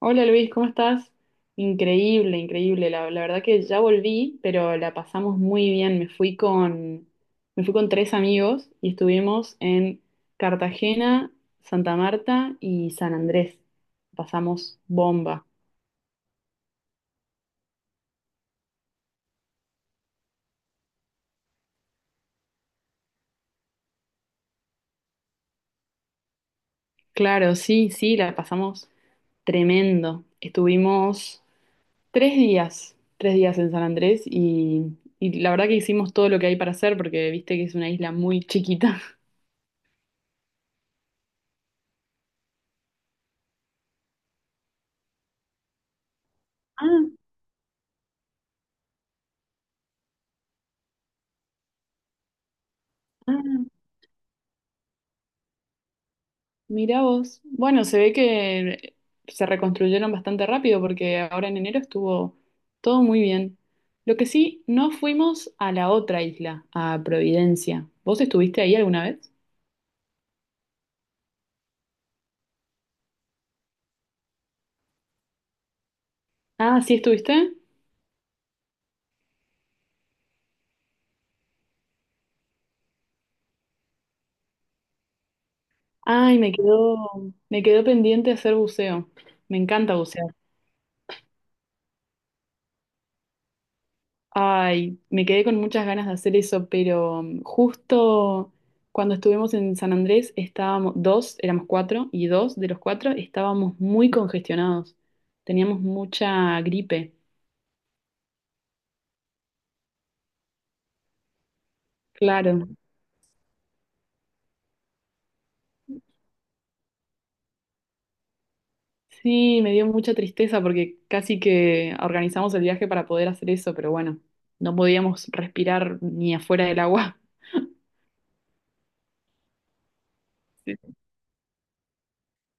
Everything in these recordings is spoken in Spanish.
Hola Luis, ¿cómo estás? Increíble, increíble. La verdad que ya volví, pero la pasamos muy bien. Me fui con tres amigos y estuvimos en Cartagena, Santa Marta y San Andrés. Pasamos bomba. Claro, sí, sí, la pasamos tremendo. Estuvimos tres días en San Andrés y la verdad que hicimos todo lo que hay para hacer porque viste que es una isla muy chiquita. Ah, ah. Mirá vos. Bueno, se ve que se reconstruyeron bastante rápido porque ahora en enero estuvo todo muy bien. Lo que sí, no fuimos a la otra isla, a Providencia. ¿Vos estuviste ahí alguna vez? Ah, ¿sí estuviste? Ay, me quedó pendiente hacer buceo. Me encanta bucear. Ay, me quedé con muchas ganas de hacer eso, pero justo cuando estuvimos en San Andrés estábamos dos, éramos cuatro, y dos de los cuatro estábamos muy congestionados. Teníamos mucha gripe. Claro. Sí, me dio mucha tristeza porque casi que organizamos el viaje para poder hacer eso, pero bueno, no podíamos respirar ni afuera del agua. Sí.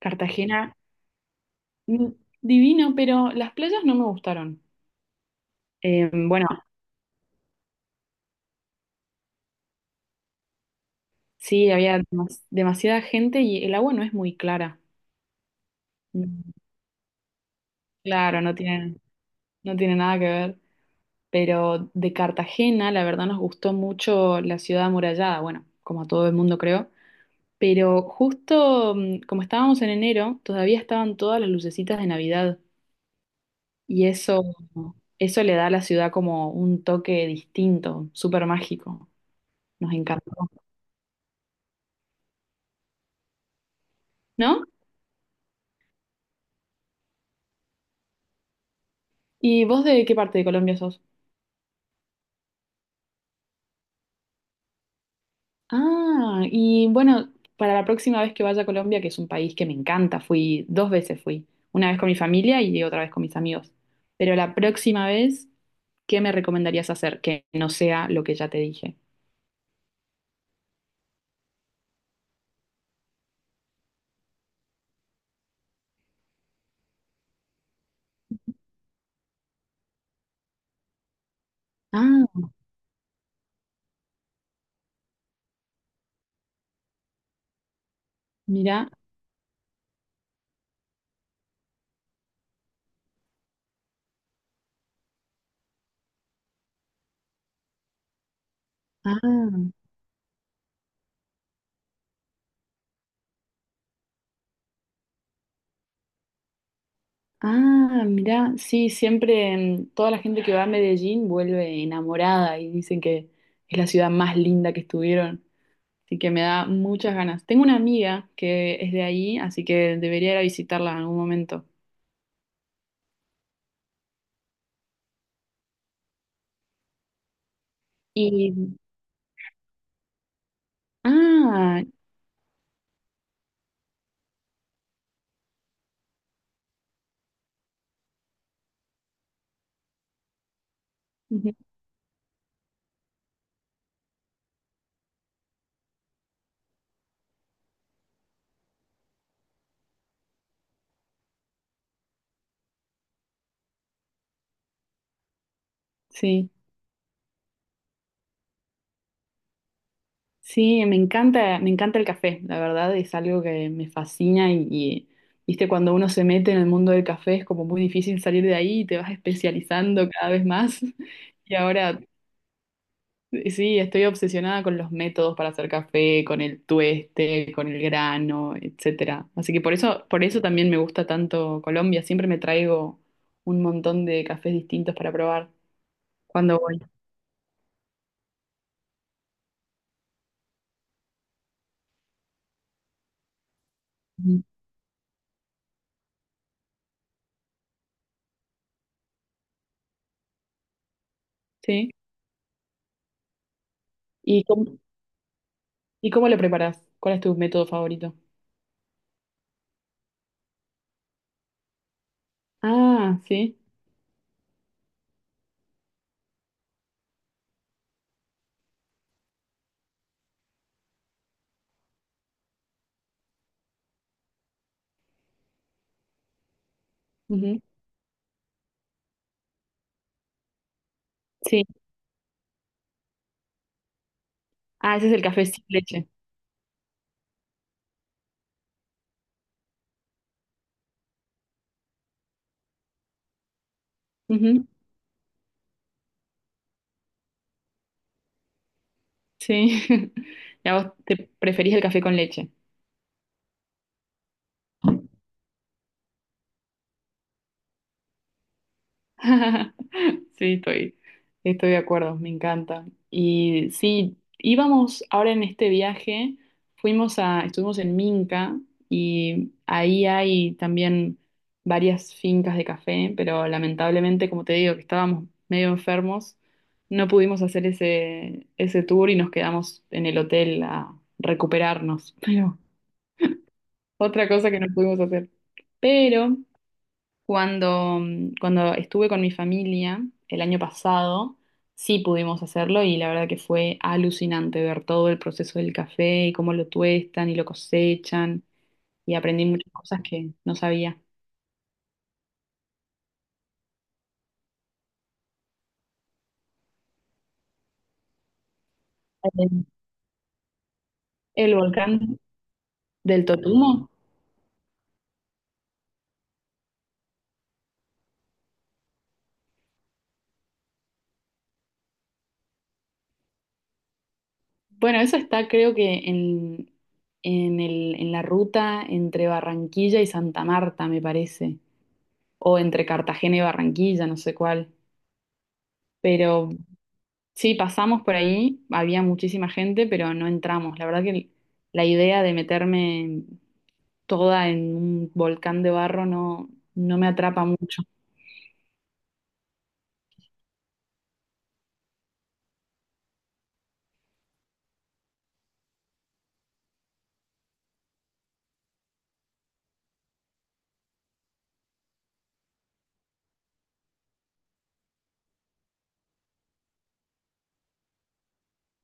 Cartagena, mm, divino, pero las playas no me gustaron. Bueno, sí, había demasiada gente y el agua no es muy clara. Mm. Claro, no tiene nada que ver. Pero de Cartagena, la verdad, nos gustó mucho la ciudad amurallada, bueno, como a todo el mundo creo. Pero justo como estábamos en enero, todavía estaban todas las lucecitas de Navidad. Y eso le da a la ciudad como un toque distinto, súper mágico. Nos encantó, ¿no? ¿Y vos de qué parte de Colombia sos? Ah, y bueno, para la próxima vez que vaya a Colombia, que es un país que me encanta, fui dos veces fui, una vez con mi familia y otra vez con mis amigos. Pero la próxima vez, ¿qué me recomendarías hacer que no sea lo que ya te dije? Ah, mira, ah, ah, mira, sí, siempre toda la gente que va a Medellín vuelve enamorada y dicen que es la ciudad más linda que estuvieron. Así que me da muchas ganas. Tengo una amiga que es de ahí, así que debería ir a visitarla en algún momento. Y, ah, ujú, sí, sí, me encanta el café, la verdad, es algo que me fascina y, viste, cuando uno se mete en el mundo del café es como muy difícil salir de ahí y te vas especializando cada vez más. Y ahora, sí, estoy obsesionada con los métodos para hacer café, con el tueste, con el grano, etcétera. Así que por eso también me gusta tanto Colombia, siempre me traigo un montón de cafés distintos para probar cuando voy. Ujú. Sí. ¿Y cómo- ¿Y cómo lo preparas? ¿Cuál es tu método favorito? Ah, sí. Ujú. Sí. Ah, ese es el café sin leche. Ujú. Sí. ¿Y a vos te preferís el café con leche? Sí, estoy, estoy de acuerdo, me encanta. Y sí, íbamos ahora en este viaje, fuimos a, estuvimos en Minca y ahí hay también varias fincas de café, pero lamentablemente, como te digo, que estábamos medio enfermos, no pudimos hacer ese, ese tour y nos quedamos en el hotel a recuperarnos. Pero otra cosa que no pudimos hacer. Pero cuando estuve con mi familia el año pasado, sí pudimos hacerlo y la verdad que fue alucinante ver todo el proceso del café y cómo lo tuestan y lo cosechan y aprendí muchas cosas que no sabía. El el volcán del Totumo. Bueno, eso está creo que en el, en la ruta entre Barranquilla y Santa Marta, me parece, o entre Cartagena y Barranquilla, no sé cuál. Pero sí, pasamos por ahí, había muchísima gente, pero no entramos. La verdad que la idea de meterme toda en un volcán de barro no, no me atrapa mucho.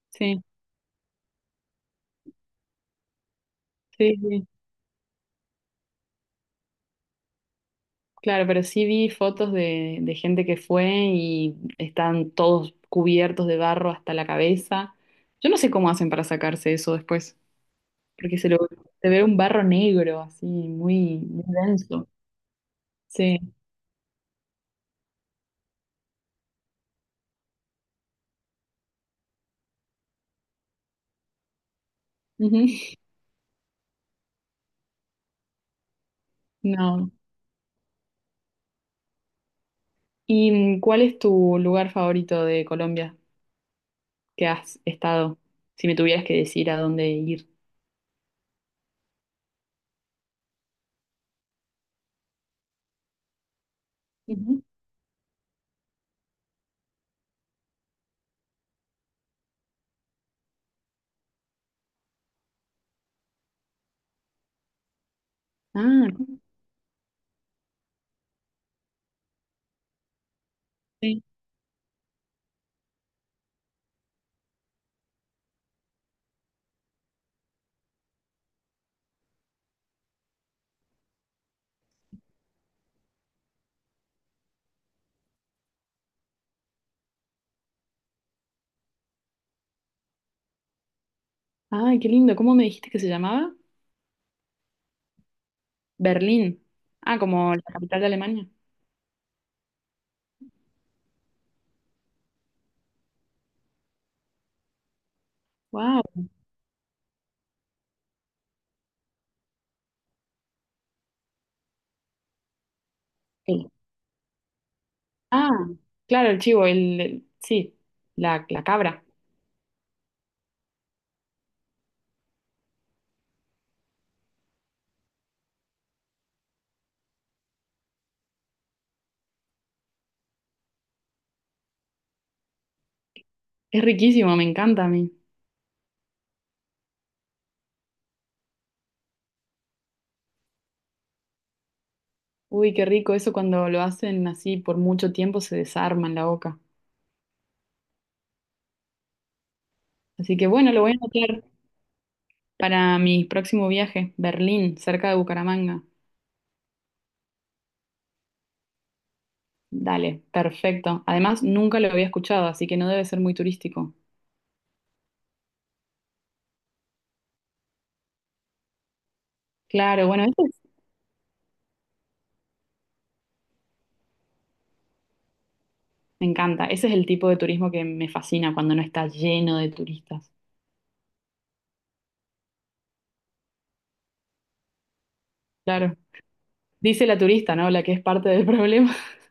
Sí, sí, sí. Claro, pero sí vi fotos de gente que fue y están todos cubiertos de barro hasta la cabeza. Yo no sé cómo hacen para sacarse eso después, porque se ve un barro negro así, muy, muy denso. Sí. Ujú. No. ¿Y cuál es tu lugar favorito de Colombia que has estado? Si me tuvieras que decir a dónde ir. Ujú. Ah. Sí. Ay, qué lindo. ¿Cómo me dijiste que se llamaba? Berlín. Ah, como la capital de Alemania. Wow. Sí. Ah, claro, el chivo, el- sí, la cabra. Es riquísimo, me encanta a mí. Uy, qué rico eso cuando lo hacen así por mucho tiempo se desarma en la boca. Así que bueno, lo voy a anotar para mi próximo viaje, Berlín, cerca de Bucaramanga. Dale, perfecto. Además, nunca lo había escuchado, así que no debe ser muy turístico. Claro, bueno, me encanta. Ese es el tipo de turismo que me fascina cuando no está lleno de turistas. Claro. Dice la turista, ¿no? La que es parte del problema.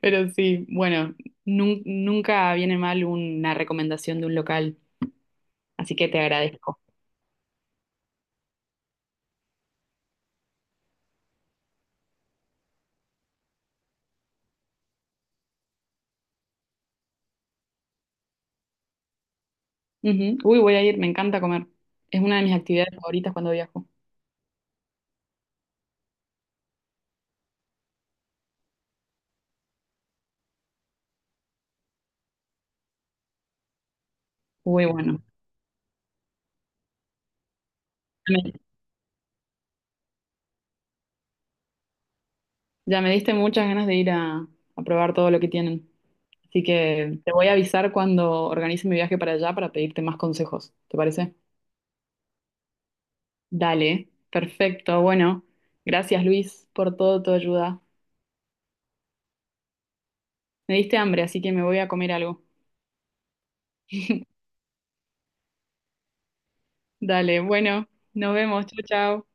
Pero sí, bueno, nunca viene mal una recomendación de un local, así que te agradezco. Ujú. Uy, voy a ir, me encanta comer. Es una de mis actividades favoritas cuando viajo. Uy, bueno. Ya me diste muchas ganas de ir a probar todo lo que tienen. Así que te voy a avisar cuando organice mi viaje para allá para pedirte más consejos. ¿Te parece? Dale, perfecto. Bueno, gracias Luis por toda tu ayuda. Me diste hambre, así que me voy a comer algo. Dale, bueno, nos vemos. Chao, chao.